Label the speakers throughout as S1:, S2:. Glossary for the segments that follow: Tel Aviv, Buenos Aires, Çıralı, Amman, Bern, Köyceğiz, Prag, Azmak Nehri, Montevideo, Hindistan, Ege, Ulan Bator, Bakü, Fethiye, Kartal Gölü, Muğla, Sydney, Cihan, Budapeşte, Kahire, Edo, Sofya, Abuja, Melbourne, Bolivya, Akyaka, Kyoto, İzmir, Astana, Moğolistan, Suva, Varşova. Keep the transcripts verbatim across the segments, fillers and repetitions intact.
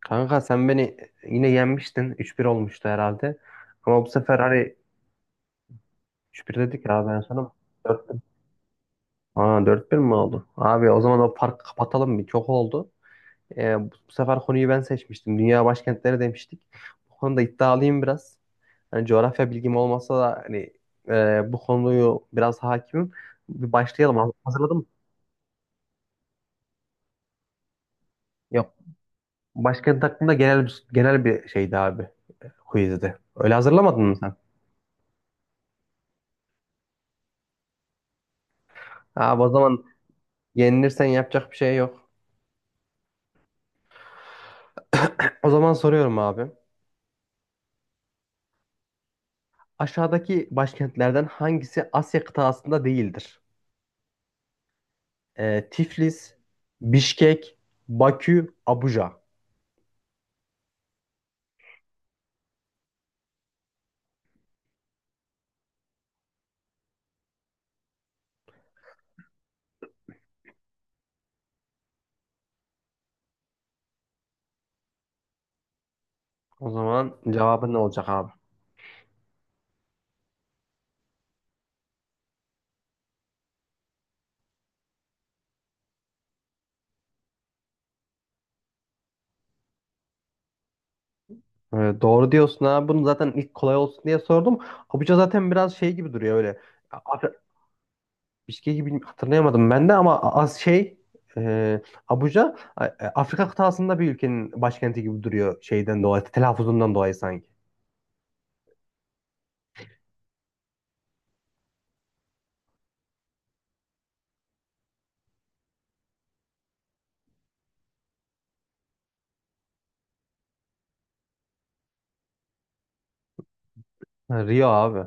S1: Kanka sen beni yine yenmiştin. üç bir olmuştu herhalde. Ama bu sefer hani üç bir dedik ya ben sana dört. bir. Aa, dört bir mi oldu? Abi o zaman o farkı kapatalım bir. Çok oldu. Ee, bu bu sefer konuyu ben seçmiştim. Dünya başkentleri demiştik. Bu konuda iddialıyım biraz. Hani coğrafya bilgim olmasa da hani, e, bu konuyu biraz hakimim. Bir başlayalım. Haz- Hazırladın mı? Yok. Başkent hakkında genel genel bir şeydi abi. Quizdi. Öyle hazırlamadın mı sen? Abi o zaman yenilirsen yapacak bir şey yok. O zaman soruyorum abi. Aşağıdaki başkentlerden hangisi Asya kıtasında değildir? Ee, Tiflis, Bişkek, Bakü, Abuja. O zaman cevabı ne olacak abi? Ee, doğru diyorsun abi. Bunu zaten ilk kolay olsun diye sordum. Abuja zaten biraz şey gibi duruyor öyle. Af- Bişkek gibi hatırlayamadım ben de ama az şey e, Abuja e, Afrika kıtasında bir ülkenin başkenti gibi duruyor şeyden dolayı, telaffuzundan dolayı sanki. Ha, Rio abi.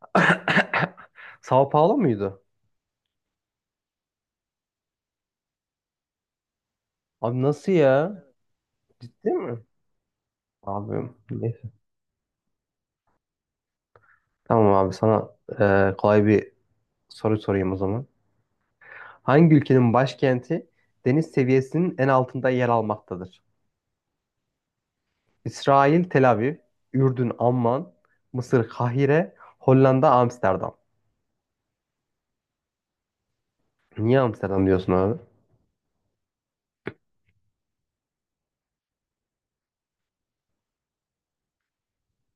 S1: Sao Paulo muydu? Abi nasıl ya? Ciddi mi? Abi neyse. Tamam abi, sana e, kolay bir soru sorayım o zaman. Hangi ülkenin başkenti deniz seviyesinin en altında yer almaktadır? İsrail Tel Aviv, Ürdün Amman, Mısır Kahire, Hollanda Amsterdam. Niye Amsterdam diyorsun abi?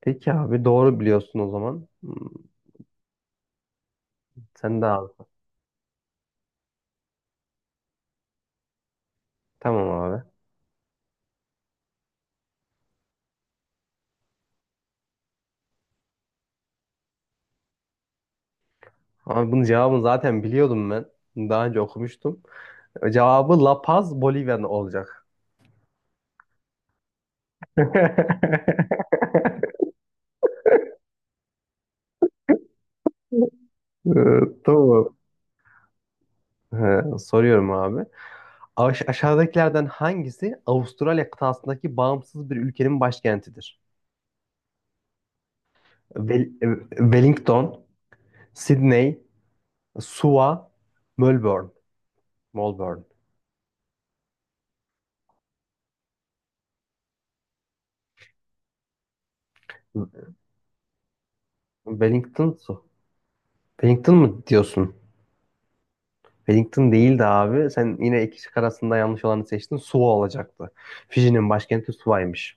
S1: Peki abi, doğru biliyorsun o zaman. Hmm, sen de abi. Tamam abi. Abi bunun cevabını zaten biliyordum ben. Daha önce okumuştum. Cevabı La Paz, Bolivya olacak. Ee, Tamam. He, soruyorum abi. Aş- aşağıdakilerden hangisi Avustralya kıtasındaki bağımsız bir ülkenin başkentidir? Wel- e, Wellington, Sydney, Suva, Melbourne. Melbourne. Wellington, Su. Wellington mı diyorsun? Wellington değildi abi. Sen yine iki şık arasında yanlış olanı seçtin. Suva olacaktı. Fiji'nin başkenti Suva'ymış.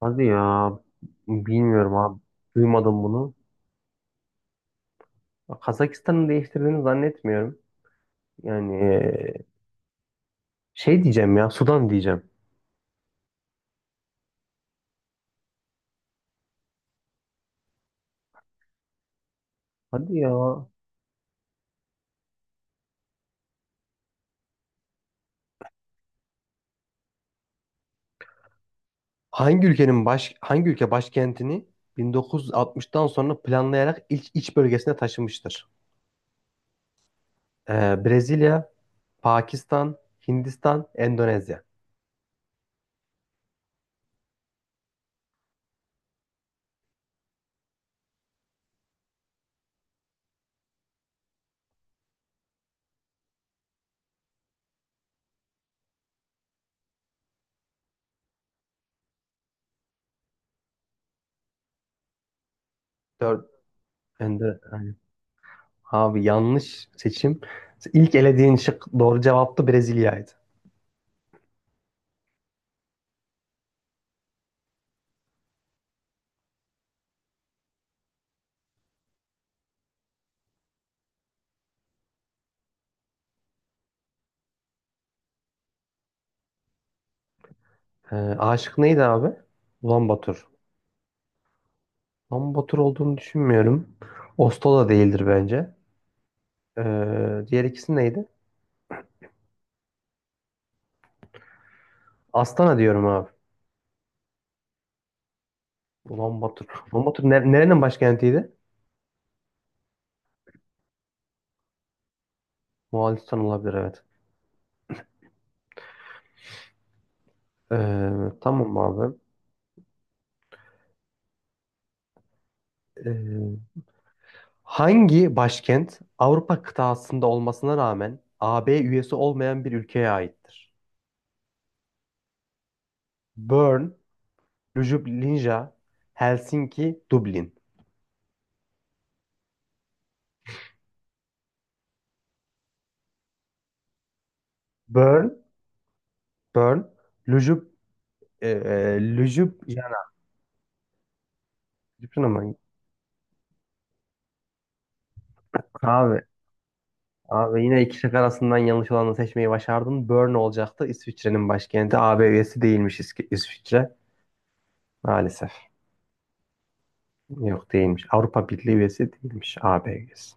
S1: Hadi ya, bilmiyorum abi. Duymadım bunu. Kazakistan'ı değiştirdiğini zannetmiyorum. Yani eee, şey diyeceğim ya, Sudan diyeceğim. Hadi ya. Hangi ülkenin baş hangi ülke başkentini bin dokuz yüz altmıştan sonra planlayarak ilk iç bölgesine taşımıştır? Eee, Brezilya, Pakistan, Hindistan, Endonezya. Dört, Endonezya. Abi yanlış seçim. İlk elediğin şık doğru cevaptı, Brezilya'ydı. Ee, A şıkkı neydi abi? Ulan Bator. Ulan Bator olduğunu düşünmüyorum. Oslo da değildir bence. Ee, diğer ikisi neydi? Astana diyorum abi. Ulan Bator. Ulan Bator ne- nerenin başkentiydi? Moğolistan olabilir, evet. Ee, tamam abi. Ee, Hangi başkent Avrupa kıtasında olmasına rağmen A B üyesi olmayan bir ülkeye aittir? Bern, Ljubljana, Helsinki, Dublin. Bern, Bern, Ljub, e, e, Ljubljana. Ljubljana mı? Abi, abi yine iki şık arasından yanlış olanı seçmeyi başardın. Bern olacaktı. İsviçre'nin başkenti. A B üyesi değilmiş İs- İsviçre. Maalesef. Yok, değilmiş. Avrupa Birliği üyesi değilmiş. A B üyesi.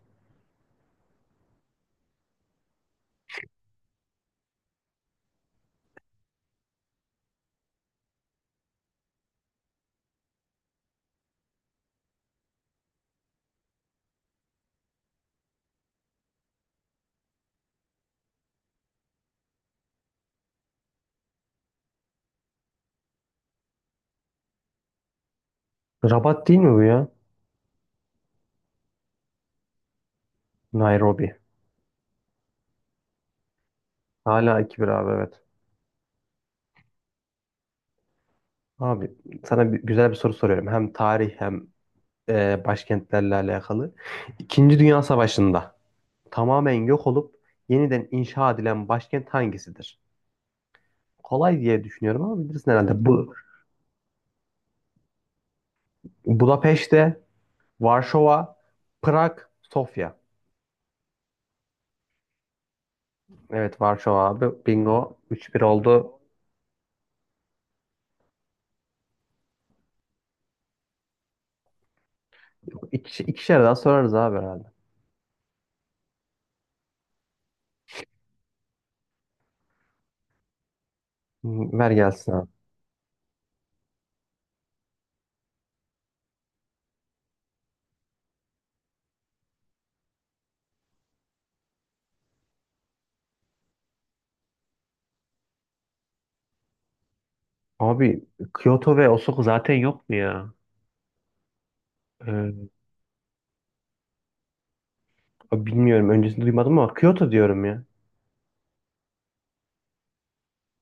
S1: Rabat değil mi bu ya? Nairobi. Hala iki bir abi, evet. Abi sana bir, güzel bir soru soruyorum. Hem tarih hem e, başkentlerle alakalı. İkinci Dünya Savaşı'nda tamamen yok olup yeniden inşa edilen başkent hangisidir? Kolay diye düşünüyorum ama bilirsin herhalde. Bu: Budapeşte, Varşova, Prag, Sofya. Evet, Varşova abi. Bingo. üç bir oldu. İki, ikişer daha sorarız abi herhalde. Hı, ver gelsin abi. Abi Kyoto ve Osaka zaten yok mu ya? Ee, Abi bilmiyorum. Öncesini duymadım ama Kyoto diyorum ya.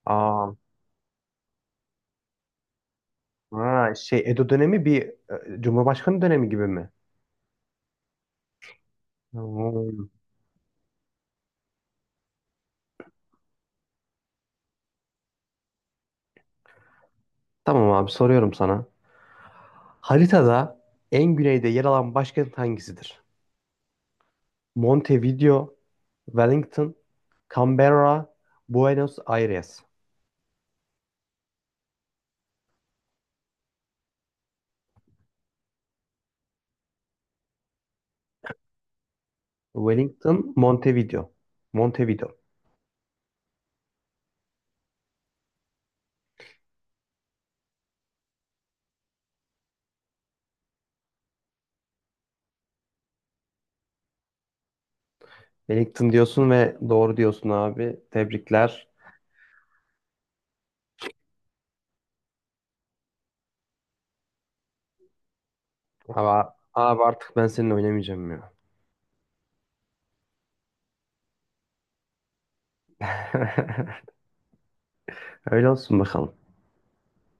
S1: Aa, ha, şey Edo dönemi bir e, Cumhurbaşkanı dönemi gibi mi? Hmm. Tamam abi, soruyorum sana. Haritada en güneyde yer alan başkent hangisidir? Montevideo, Wellington, Canberra, Buenos Aires. Wellington, Montevideo. Montevideo. Wellington diyorsun ve doğru diyorsun abi. Tebrikler. Ama abi artık ben seninle oynamayacağım ya. Öyle olsun bakalım.